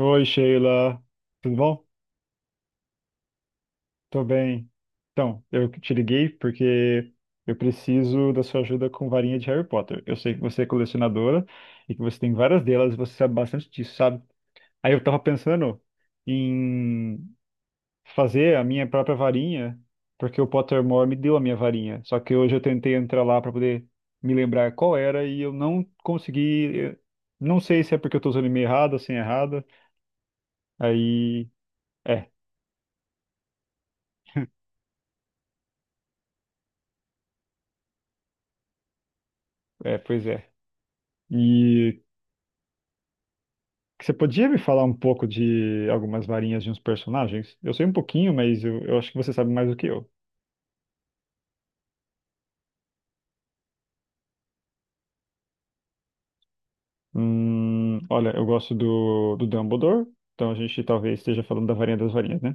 Oi, Sheila. Tudo bom? Tô bem. Então, eu te liguei porque eu preciso da sua ajuda com varinha de Harry Potter. Eu sei que você é colecionadora e que você tem várias delas e você sabe bastante disso, sabe? Aí eu tava pensando em fazer a minha própria varinha, porque o Pottermore me deu a minha varinha. Só que hoje eu tentei entrar lá para poder me lembrar qual era e eu não consegui. Eu Não sei se é porque eu tô usando meio errada, sem errada. Aí, é, pois é. E você podia me falar um pouco de algumas varinhas de uns personagens? Eu sei um pouquinho, mas eu acho que você sabe mais do que eu. Olha, eu gosto do Dumbledore, então a gente talvez esteja falando da varinha das varinhas, né?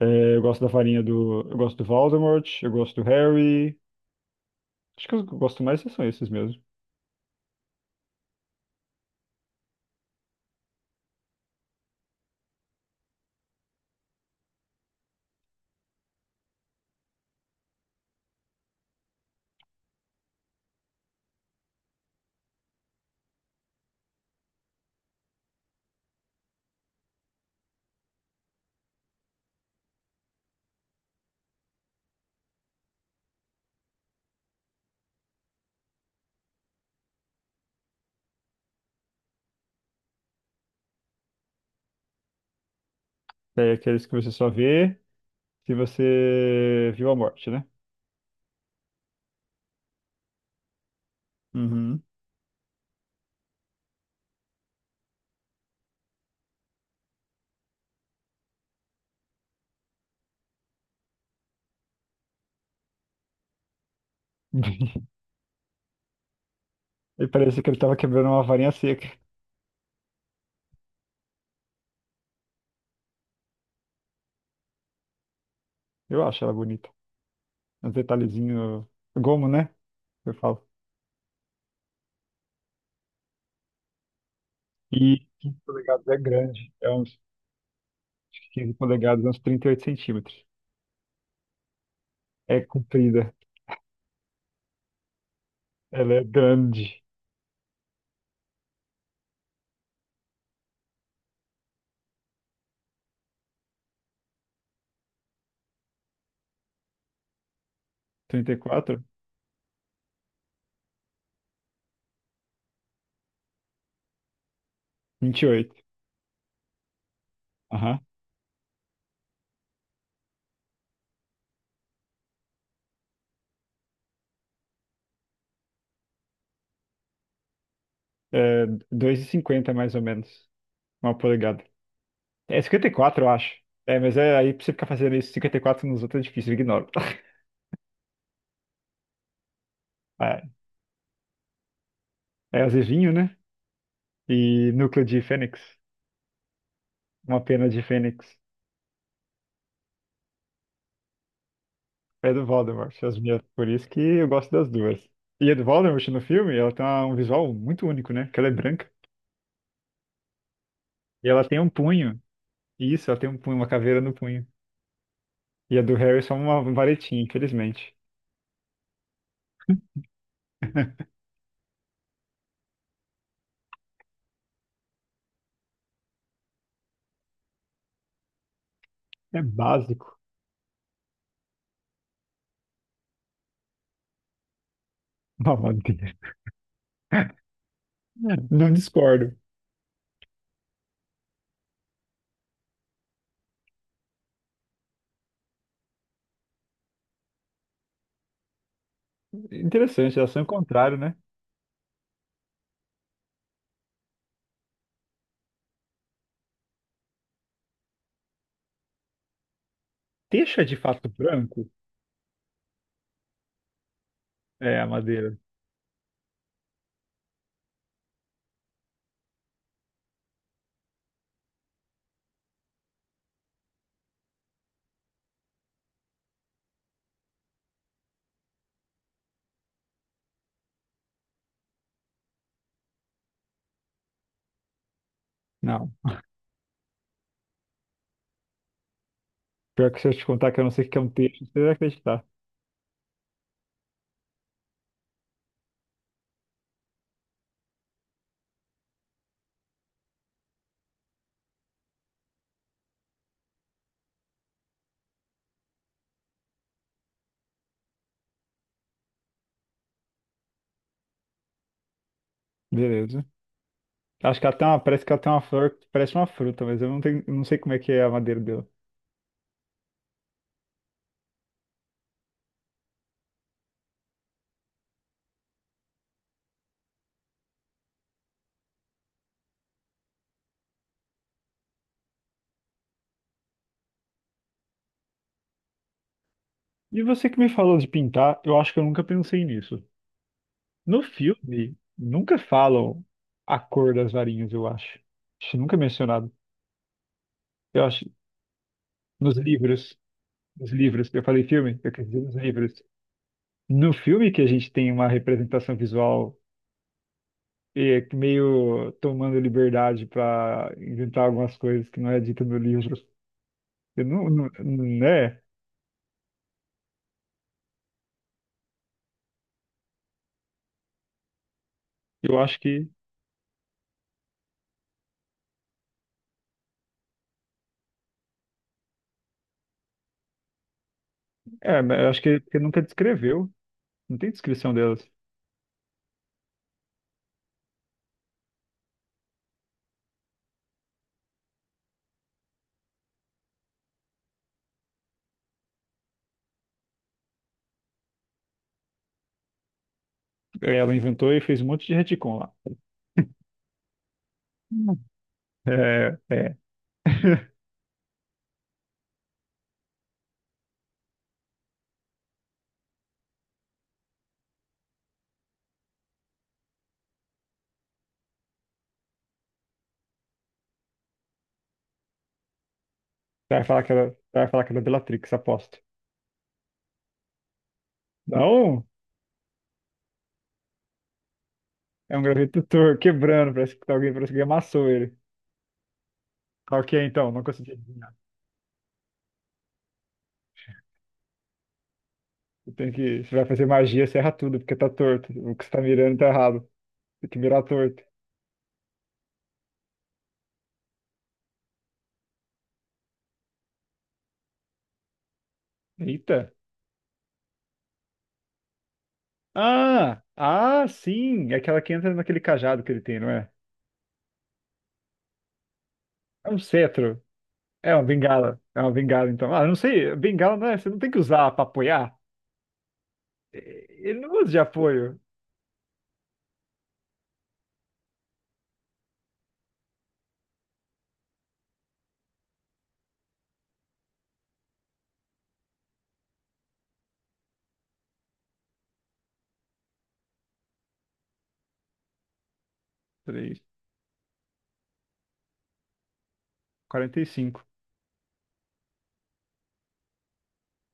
É, eu gosto da varinha do. Eu gosto do Voldemort, eu gosto do Harry. Acho que os que eu gosto mais são esses mesmo. É aqueles que você só vê se você viu a morte, né? Uhum. E parecia que ele tava quebrando uma varinha seca. Eu acho ela bonita. Um detalhezinho. Gomo, né? Eu falo. E 15 polegadas é grande. É uns 15 polegadas, uns 38 centímetros. É comprida. Ela é grande. 34? 28. Aham. É 2,50 mais ou menos. Uma polegada. É 54, eu acho. É, mas é aí pra você ficar fazendo isso, 54 nos outros é difícil, eu ignoro. É, é azevinho, né? E núcleo de fênix. Uma pena de fênix. É do Voldemort, as minhas. Por isso que eu gosto das duas. E a do Voldemort no filme, ela tem um visual muito único, né? Que ela é branca. E ela tem um punho. Isso, ela tem um punho, uma caveira no punho. E a do Harry é só uma varetinha, infelizmente. É básico. Uma madeira. Não discordo. Interessante, elas são o contrário, né? Teixa é de fato branco? É, a madeira. Não. Pior que se eu te contar que eu não sei o que é um teixa, você vai acreditar. Beleza. Acho que ela tem uma, parece que ela tem uma flor que parece uma fruta, mas eu não tenho, não sei como é que é a madeira dela. E você que me falou de pintar, eu acho que eu nunca pensei nisso. No filme, nunca falam a cor das varinhas, eu acho. Acho nunca é mencionado. Eu acho, nos livros, nos livros, eu falei filme, eu quis dizer nos livros. No filme que a gente tem uma representação visual é, que meio tomando liberdade para inventar algumas coisas que não é dita no livro. Eu não, não, né? Eu acho é, eu acho que nunca descreveu. Não tem descrição delas. É, ela inventou e fez um monte de retcon lá. Hum. É, é. Você vai falar que era Bellatrix, aposto. Não, é um gravetutor quebrando, parece que alguém amassou ele. Qual que é então? Não consegui adivinhar. Você tem que, você vai fazer magia, você erra tudo, porque tá torto. O que você tá mirando tá errado. Tem que mirar torto. Eita. Ah, ah, sim, é aquela que entra naquele cajado que ele tem, não é? É um cetro. É uma bengala. É uma bengala, então. Ah, eu não sei, bengala não é, você não tem que usar pra apoiar. É, ele não usa de apoio. Três, quarenta e cinco.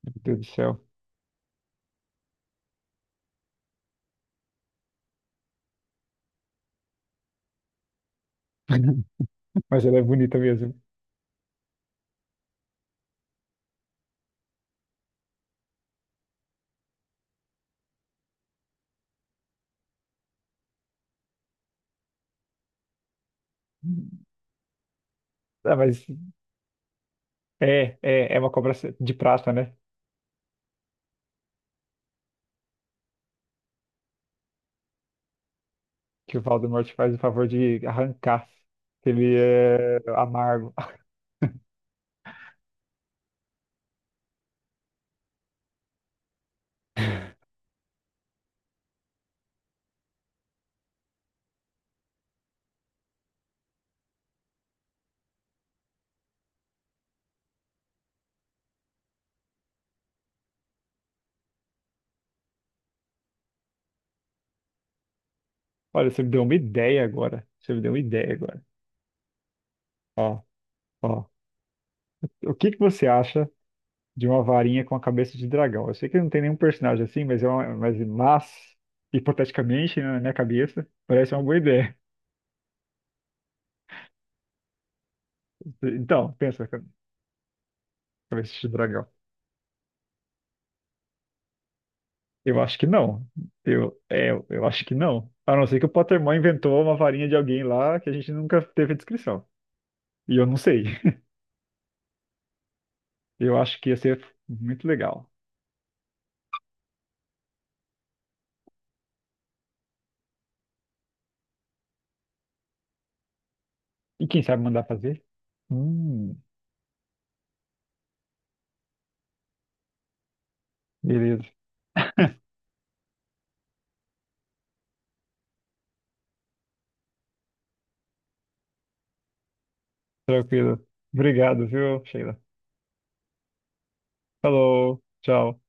Meu Deus do céu. Mas ela é bonita mesmo. Ah, mas é uma cobra de prata, né? Que o Voldemort faz o favor de arrancar. Que Ele é amargo. Olha, você me deu uma ideia agora. Você me deu uma ideia agora. Ó, ó. O que que você acha de uma varinha com a cabeça de dragão? Eu sei que não tem nenhum personagem assim, mas é uma, mas hipoteticamente, né, na minha cabeça, parece uma boa ideia. Então, pensa, cabeça de dragão. Eu acho que não. Eu acho que não. A não ser que o Pottermore inventou uma varinha de alguém lá que a gente nunca teve descrição. E eu não sei. Eu acho que ia ser muito legal. E quem sabe mandar fazer? Hum, beleza. Tranquilo. Obrigado, viu, Sheila? Falou. Tchau.